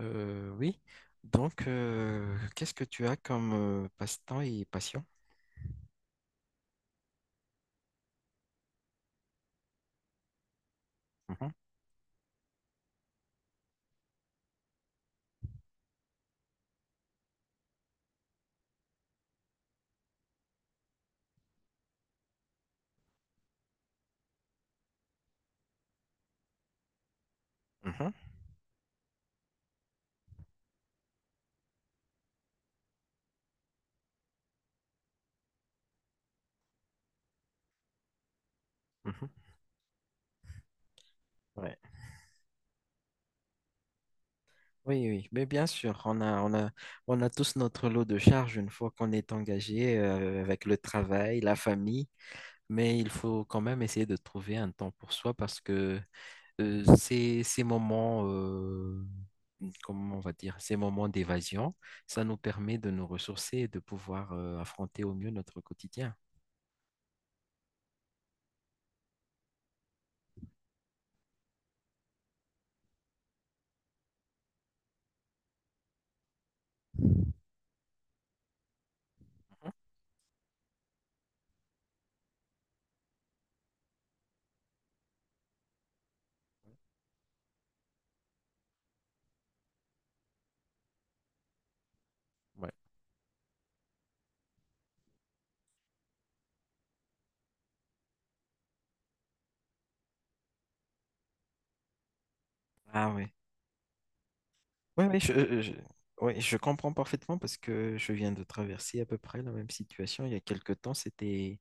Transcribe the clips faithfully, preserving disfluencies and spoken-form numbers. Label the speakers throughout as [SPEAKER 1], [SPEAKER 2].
[SPEAKER 1] Euh, oui. Donc, euh, qu'est-ce que tu as comme euh, passe-temps et passion? Mhm, mhm, mhm. Ouais. Oui, oui. Mais bien sûr, on a, on a, on a tous notre lot de charges une fois qu'on est engagé euh, avec le travail, la famille. Mais il faut quand même essayer de trouver un temps pour soi parce que euh, ces, ces moments, euh, comment on va dire, ces moments d'évasion, ça nous permet de nous ressourcer et de pouvoir euh, affronter au mieux notre quotidien. Mhm. Ouais. Ah oui. Oui, oui, je, euh, je- ouais, je comprends parfaitement parce que je viens de traverser à peu près la même situation. Il y a quelque temps, c'était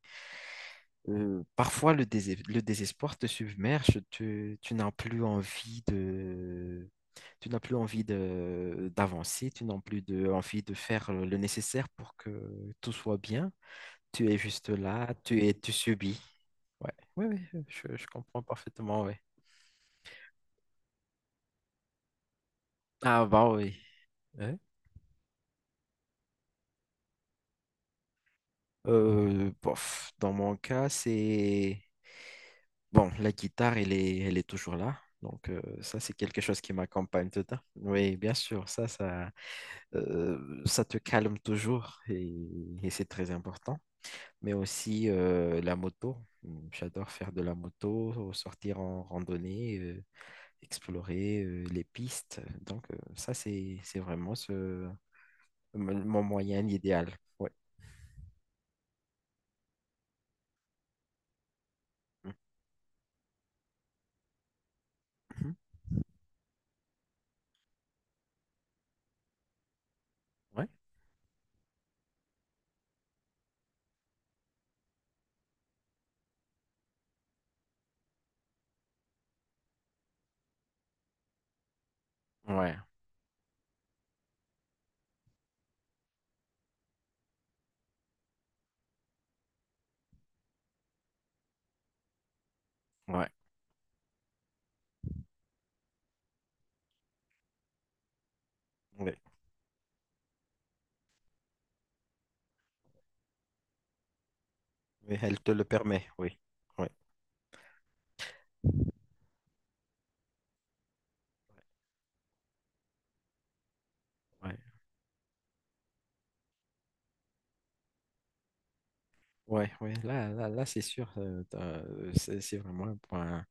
[SPEAKER 1] euh, parfois le, désé- le désespoir te submerge, tu, tu n'as plus envie de, tu n'as plus envie de, d'avancer, tu n'as plus de, envie de faire le nécessaire pour que tout soit bien. Tu es juste là, tu es, tu subis. Ouais, oui, oui, je, je comprends parfaitement, ouais. Ah bah oui. Euh, bof, dans mon cas, c'est... Bon, la guitare, elle est, elle est toujours là. Donc, euh, ça, c'est quelque chose qui m'accompagne tout le temps. Oui, bien sûr, ça, ça, euh, ça te calme toujours et, et c'est très important. Mais aussi euh, la moto. J'adore faire de la moto, sortir en randonnée, euh, explorer euh, les pistes. Donc, euh, ça, c'est, c'est vraiment ce, mon mon moyen idéal. Ouais. Mhm. Ouais. Ouais. Ouais. Ouais. Oui, elle te le permet, oui. Oui, oui, oui. Oui. Là, là, là c'est sûr, euh, t'as- euh, c'est c'est vraiment un point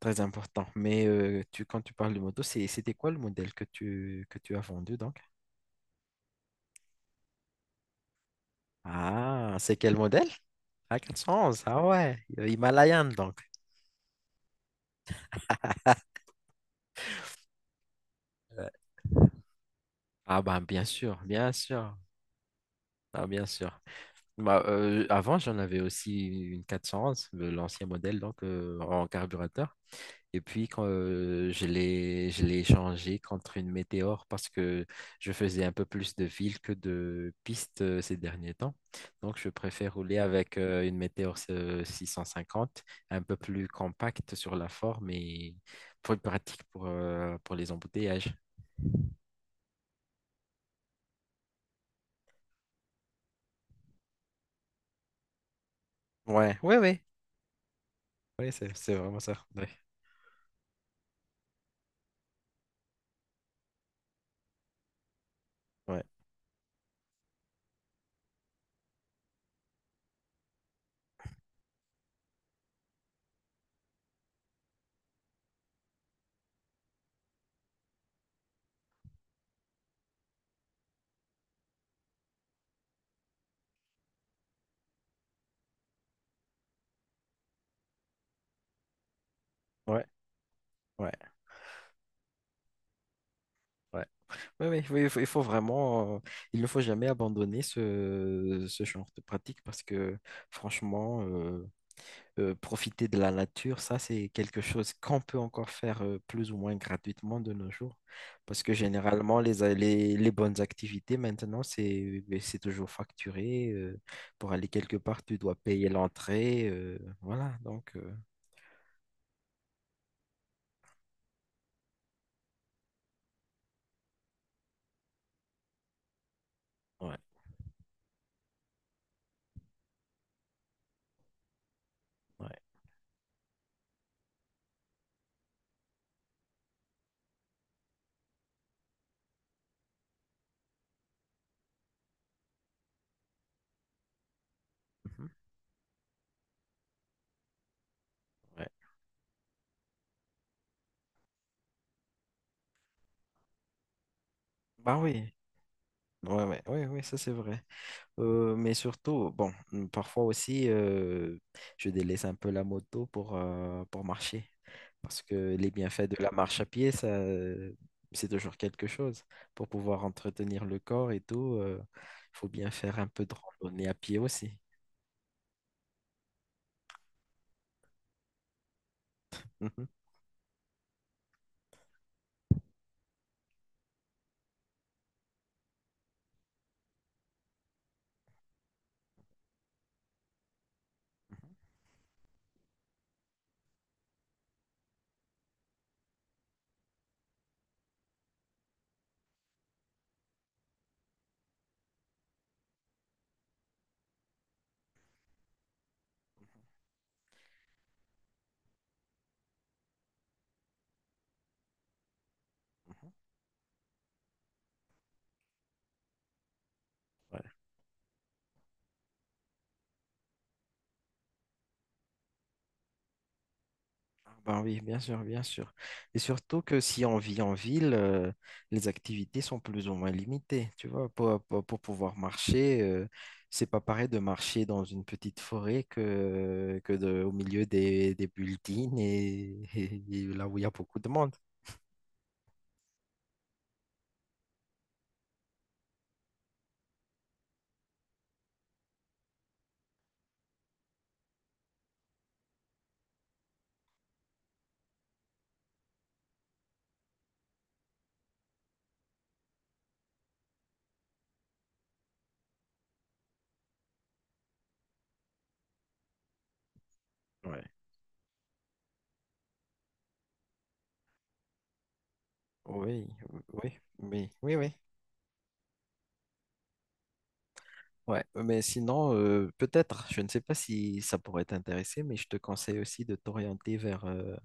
[SPEAKER 1] très important. Mais euh, tu, quand tu parles de moto, c'est- c'était quoi le modèle que tu, que tu as vendu donc? Ah, c'est quel modèle? Ah, quatre cent onze. Ah ouais, euh, Himalayan donc. Euh, Ah ben bien sûr, bien sûr, ah, bien sûr. Bah, euh, avant j'en avais aussi une quatre cent onze, le- l'ancien modèle donc euh, en carburateur. Et puis, quand, euh, je l'ai, je l'ai échangé contre une météore parce que je faisais un peu plus de villes que de pistes euh, ces derniers temps. Donc, je préfère rouler avec euh, une météore euh, six cent cinquante, un peu plus compacte sur la forme et plus pratique pour, euh, pour les embouteillages. Ouais, ouais, ouais. Ouais, c'est c'est vraiment ça. Ouais, ouais, ouais, ouais. Ouais. Ouais oui, oui, il faut, il faut vraiment, euh, il ne faut jamais abandonner ce, ce genre de pratique parce que franchement, euh, profiter de la nature, ça, c'est quelque chose qu'on peut encore faire euh, plus ou moins gratuitement de nos jours. Parce que généralement, les, a- les, les bonnes activités maintenant, c'est, ben, c'est toujours facturé. euh, pour aller quelque part, tu dois payer l'entrée. euh, voilà, donc, euh, ouais, ouais, mhm, ouais. Bah oui, ouais, ouais, ouais, ouais, ça c'est vrai. Euh, mais surtout, bon, mm, parfois aussi, euh, je délaisse un peu la moto pour, euh, pour marcher. Parce que les bienfaits de la marche à pied, ça, euh, c'est toujours quelque chose. Pour pouvoir entretenir le corps et tout, il faut bien faire un peu de randonnée à pied aussi. Mhm. Mhm. Ouais. Ah bah oui, bien sûr, bien sûr. Et surtout que si on vit en ville, euh, les activités sont plus ou moins limitées, tu vois. Pour, pour, pour pouvoir marcher, euh, c'est pas pareil de marcher dans une petite forêt que, que de, au milieu des, des buildings et, et et là où il y a beaucoup de monde. Ouais. Oui, oui, oui, oui, oui. Ouais. Mais sinon, euh, peut-être, je ne sais pas si ça pourrait t'intéresser, mais je te conseille aussi de t'orienter vers euh,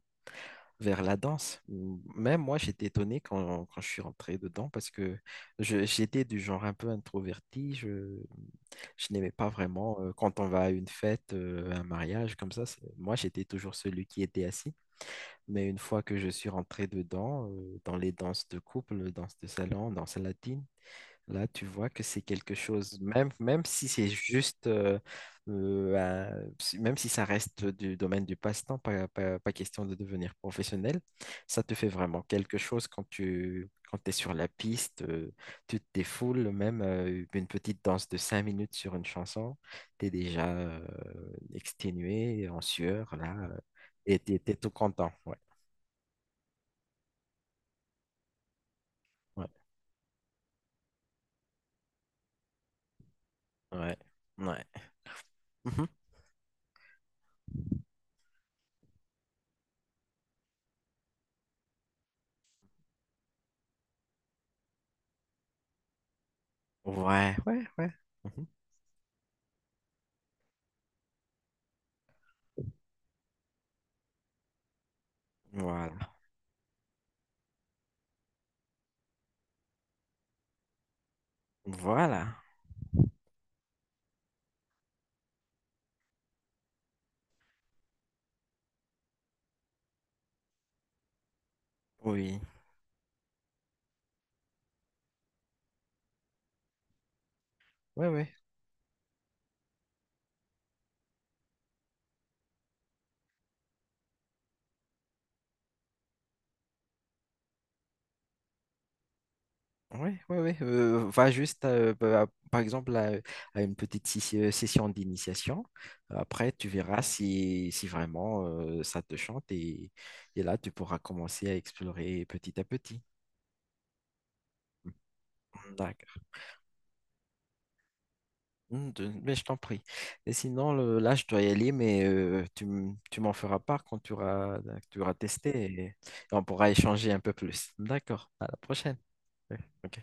[SPEAKER 1] vers la danse. M- Même moi, j'étais étonné quand, quand je suis rentré dedans parce que je- j'étais du genre un peu introverti. Je, je n'aimais pas vraiment euh, quand on va à une fête, euh, un mariage comme ça. c'est- Moi, j'étais toujours celui qui était assis. Mais une fois que je suis rentré dedans, euh, dans les danses de couple, danses de salon, danses latines, là, tu vois que c'est quelque chose, même, même si c'est juste, euh, euh, un- si- même si ça reste du domaine du passe-temps, pas, pas- pas question de devenir professionnel, ça te fait vraiment quelque chose quand tu quand es sur la piste, euh, tu te défoules, même euh, une petite danse de cinq minutes sur une chanson, tu es déjà euh, exténué, en sueur, là, euh, et tu es, tout content. Ouais, ouais, ouais, ouais. Mhm. Ouais, ouais, ouais. Mhm. Voilà. Voilà. Oui, ouais, ouais, ouais, ouais, ouais. euh, va juste, euh, bah, par exemple, à, à une petite si- euh, session d'initiation. Après, tu verras si, si vraiment euh, ça te chante et, et là, tu pourras commencer à explorer petit à petit. D'accord. Mm, de- Mais je t'en prie. Et sinon, le- là, je dois y aller, mais euh, tu, m- tu m'en feras part quand tu auras, tu auras testé et et on pourra échanger un peu plus. D'accord. À la prochaine. Ouais, ok.